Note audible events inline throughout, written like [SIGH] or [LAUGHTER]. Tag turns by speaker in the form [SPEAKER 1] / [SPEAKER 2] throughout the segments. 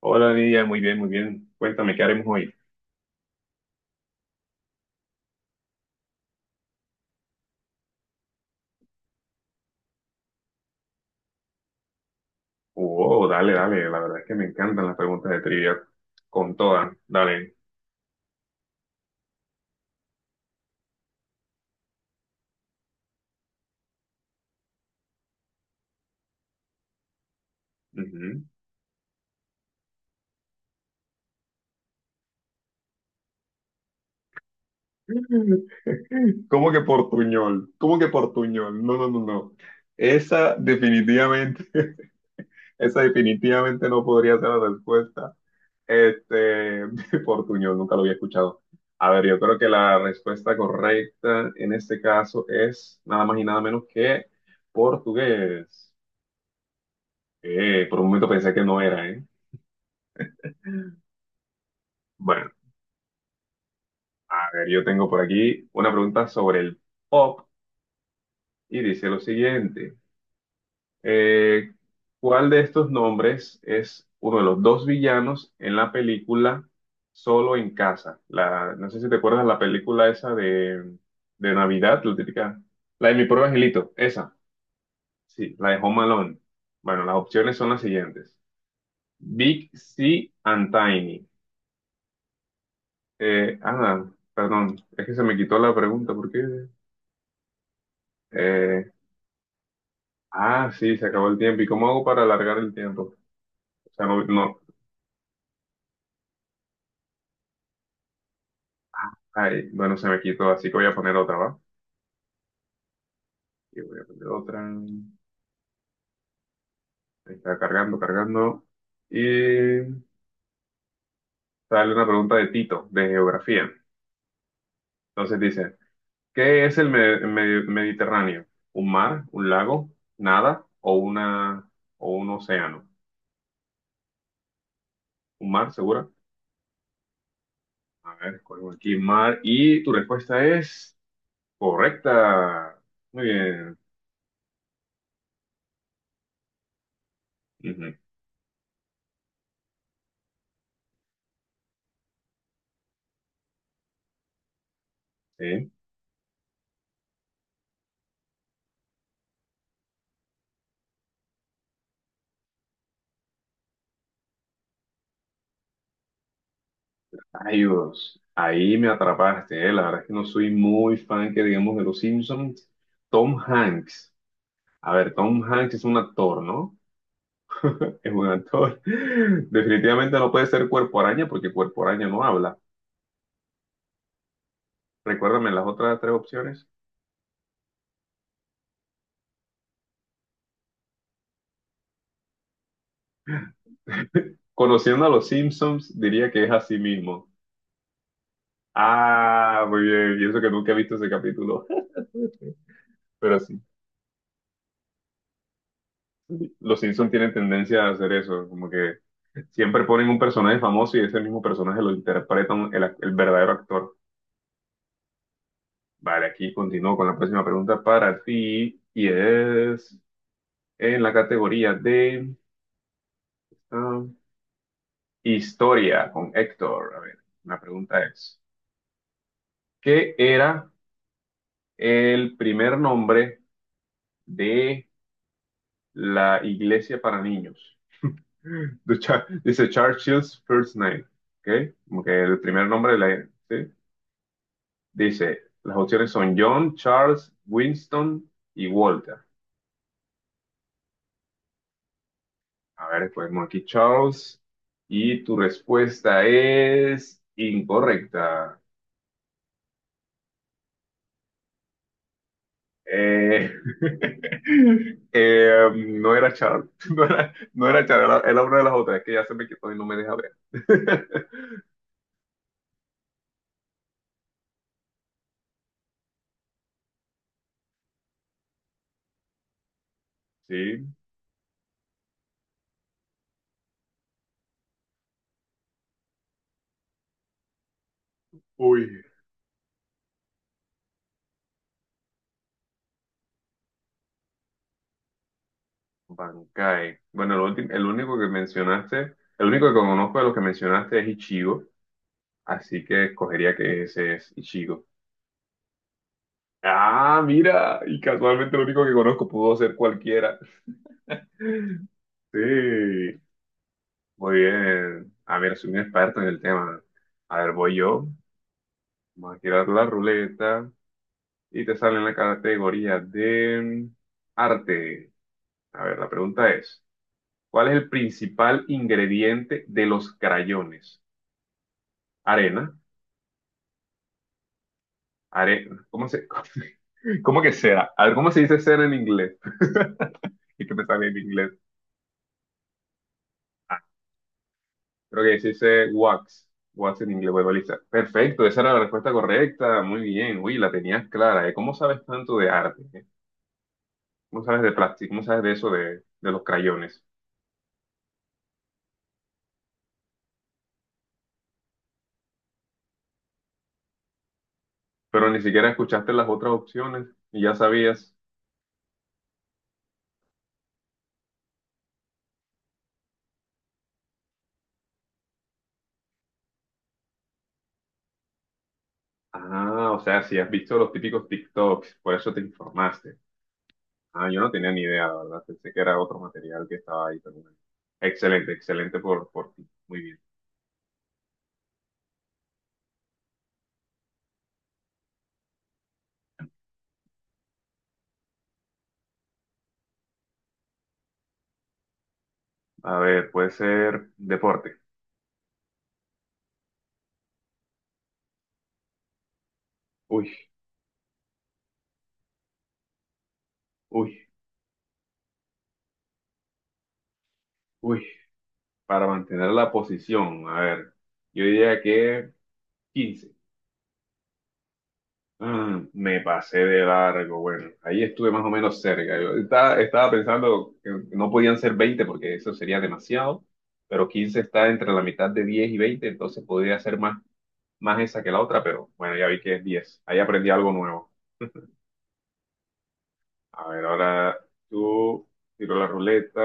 [SPEAKER 1] Hola Lidia, muy bien, muy bien. Cuéntame, ¿qué haremos hoy? Oh, dale, dale, la verdad es que me encantan las preguntas de trivia. Con todas, dale. Ujú. [LAUGHS] ¿Cómo que portuñol? ¿Cómo que portuñol? No, no, no, no. Esa definitivamente, [LAUGHS] esa definitivamente no podría ser la respuesta. Este, [LAUGHS] portuñol, nunca lo había escuchado. A ver, yo creo que la respuesta correcta en este caso es nada más y nada menos que portugués. Por un momento pensé que no era, ¿eh? Bueno, a ver, yo tengo por aquí una pregunta sobre el pop y dice lo siguiente. Eh, ¿Cuál de estos nombres es uno de los dos villanos en la película Solo en Casa? No sé si te acuerdas la película esa de Navidad, la típica, la de Mi Pobre Angelito, esa, sí, la de Home Alone. Bueno, las opciones son las siguientes. Big C and Tiny. Eh, ah, Perdón, es que se me quitó la pregunta, ¿por qué? Eh, ah, sí, se acabó el tiempo. ¿Y cómo hago para alargar el tiempo? O sea, no, no, ay, bueno, se me quitó, así que voy a poner otra, ¿va? Y voy a poner otra. Ahí está cargando, cargando. Y sale una pregunta de Tito, de geografía. Entonces dice, ¿qué es el Mediterráneo? ¿Un mar, un lago, nada o una o un océano? ¿Un mar, segura? A ver, escogemos aquí mar. Y tu respuesta es... correcta. Muy bien. Ujú, sí. Adiós. Ahí me atrapaste, ¿eh? La verdad es que no soy muy fan que digamos de los Simpsons. Tom Hanks. A ver, Tom Hanks es un actor, ¿no? [LAUGHS] Es un actor. [LAUGHS] Definitivamente no puede ser Cuerpo Araña porque Cuerpo Araña no habla. Recuérdame las otras tres opciones. Conociendo a los Simpsons, diría que es así mismo. Ah, muy bien. Y eso que nunca he visto ese capítulo. [LAUGHS] Pero sí, sí, los Simpsons tienen tendencia a hacer eso, como que siempre ponen un personaje famoso y ese mismo personaje lo interpreta el verdadero actor. Vale, aquí continúo con la próxima pregunta para ti y es en la categoría de ah, historia con Héctor. A ver, la pregunta es, ¿qué era el primer nombre de la iglesia para niños? [LAUGHS] Dice Churchill's First Name, ¿ok? Como que el primer nombre de la... ¿sí? Dice, las opciones son John, Charles, Winston y Walter. A ver, ponemos aquí Charles. Y tu respuesta es incorrecta. Eh, [LAUGHS] no era Charles, [LAUGHS] no era Charles, era una de las otras, es que ya se me quitó y no me deja ver. [LAUGHS] Sí, uy, Bankai. Bueno, el único que conozco de los que mencionaste es Ichigo, así que escogería que ese es Ichigo. Ah, mira, y casualmente lo único que conozco pudo ser cualquiera. Sí, muy bien. A ver, soy un experto en el tema. A ver, voy yo. Vamos a girar la ruleta y te sale en la categoría de arte. A ver, la pregunta es, ¿cuál es el principal ingrediente de los crayones? Arena, arena. ¿Cómo se, [LAUGHS] cómo que cera? A ver, ¿cómo se dice cera en inglés? [LAUGHS] Y que me sale en inglés. Creo que se dice wax. Wax en inglés, futbolista. Perfecto, esa era la respuesta correcta. Muy bien. Uy, la tenías clara, ¿eh? ¿Cómo sabes tanto de arte, eh? ¿Cómo sabes de plástico? ¿Cómo sabes de eso de los crayones? Pero ni siquiera escuchaste las otras opciones y ya sabías. Ah, o sea, si has visto los típicos TikToks, por eso te informaste. Ah, yo no tenía ni idea, la verdad. Pensé que era otro material que estaba ahí, pero bueno. Excelente, excelente por ti. Muy bien. A ver, puede ser deporte. Uy, uy, uy, para mantener la posición. A ver, yo diría que 15. Ah, me pasé de largo. Bueno, ahí estuve más o menos cerca. Estaba pensando que no podían ser 20 porque eso sería demasiado, pero 15 está entre la mitad de 10 y 20, entonces podría ser más, más esa que la otra, pero bueno, ya vi que es 10. Ahí aprendí algo nuevo. A ver, ahora tú tiro la ruleta.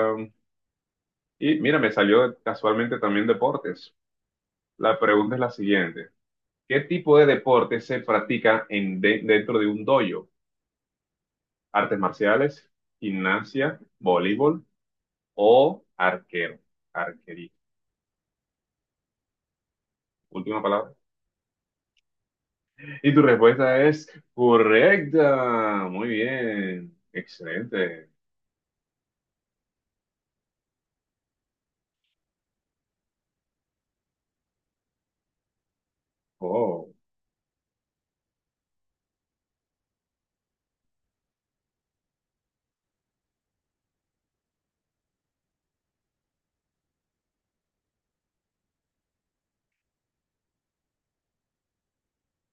[SPEAKER 1] Y mira, me salió casualmente también deportes. La pregunta es la siguiente. ¿Qué tipo de deporte se practica en, dentro de un dojo? ¿Artes marciales, gimnasia, voleibol o arquero? Arquería. Última palabra. Y tu respuesta es correcta. Muy bien. Excelente. Oh,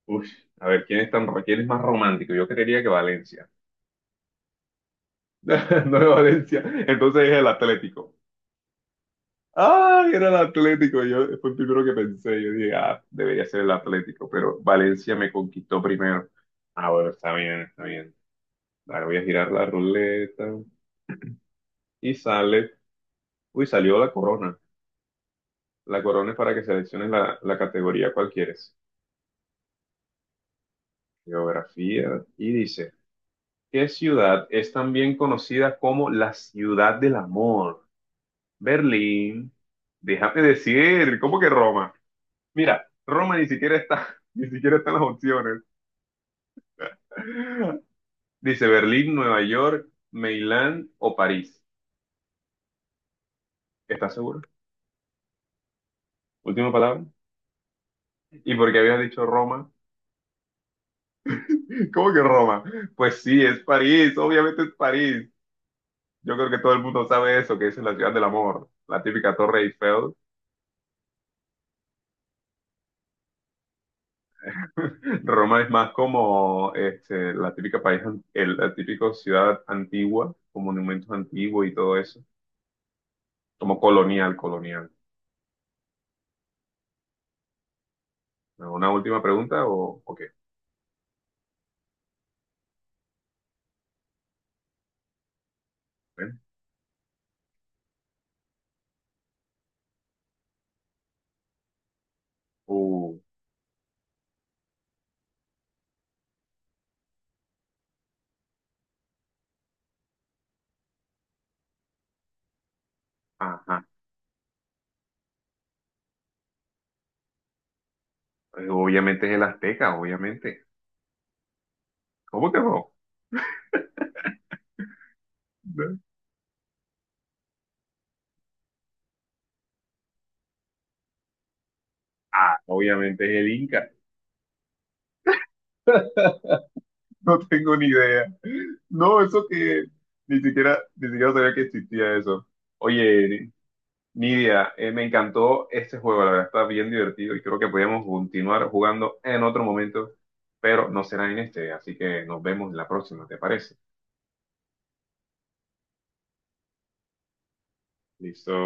[SPEAKER 1] uy. A ver, ¿quién es tan, quién es más romántico? Yo creería que Valencia. [LAUGHS] No es Valencia. Entonces es el Atlético. Ay, era el Atlético. Yo fue el primero que pensé. Yo dije, ah, debería ser el Atlético, pero Valencia me conquistó primero. Ah, bueno, está bien, está bien. Ahora voy a girar la ruleta y sale. Uy, salió la corona. La corona es para que selecciones la categoría cual quieres. Geografía. Y dice, ¿qué ciudad es también conocida como la ciudad del amor? Berlín. Déjame decir, ¿cómo que Roma? Mira, Roma ni siquiera está, [LAUGHS] ni siquiera está en las opciones. Dice Berlín, Nueva York, Milán o París. ¿Estás seguro? Última palabra. ¿Y por qué habías dicho Roma? [LAUGHS] ¿Cómo que Roma? Pues sí, es París, obviamente es París. Yo creo que todo el mundo sabe eso, que esa es la ciudad del amor, la típica Torre Eiffel. Roma es más como este, la típica país, la típica ciudad antigua, con monumentos antiguos y todo eso, como colonial, colonial. ¿Una última pregunta o qué? Bueno, uh, ajá. Obviamente es el Azteca, obviamente. ¿Cómo que no? ¿Eh? Ah, obviamente es el Inca. No tengo ni idea. No, eso que ni siquiera, ni siquiera sabía que existía eso. Oye, Nidia, me encantó este juego, la verdad está bien divertido y creo que podríamos continuar jugando en otro momento, pero no será en este, así que nos vemos en la próxima, ¿te parece? Listo.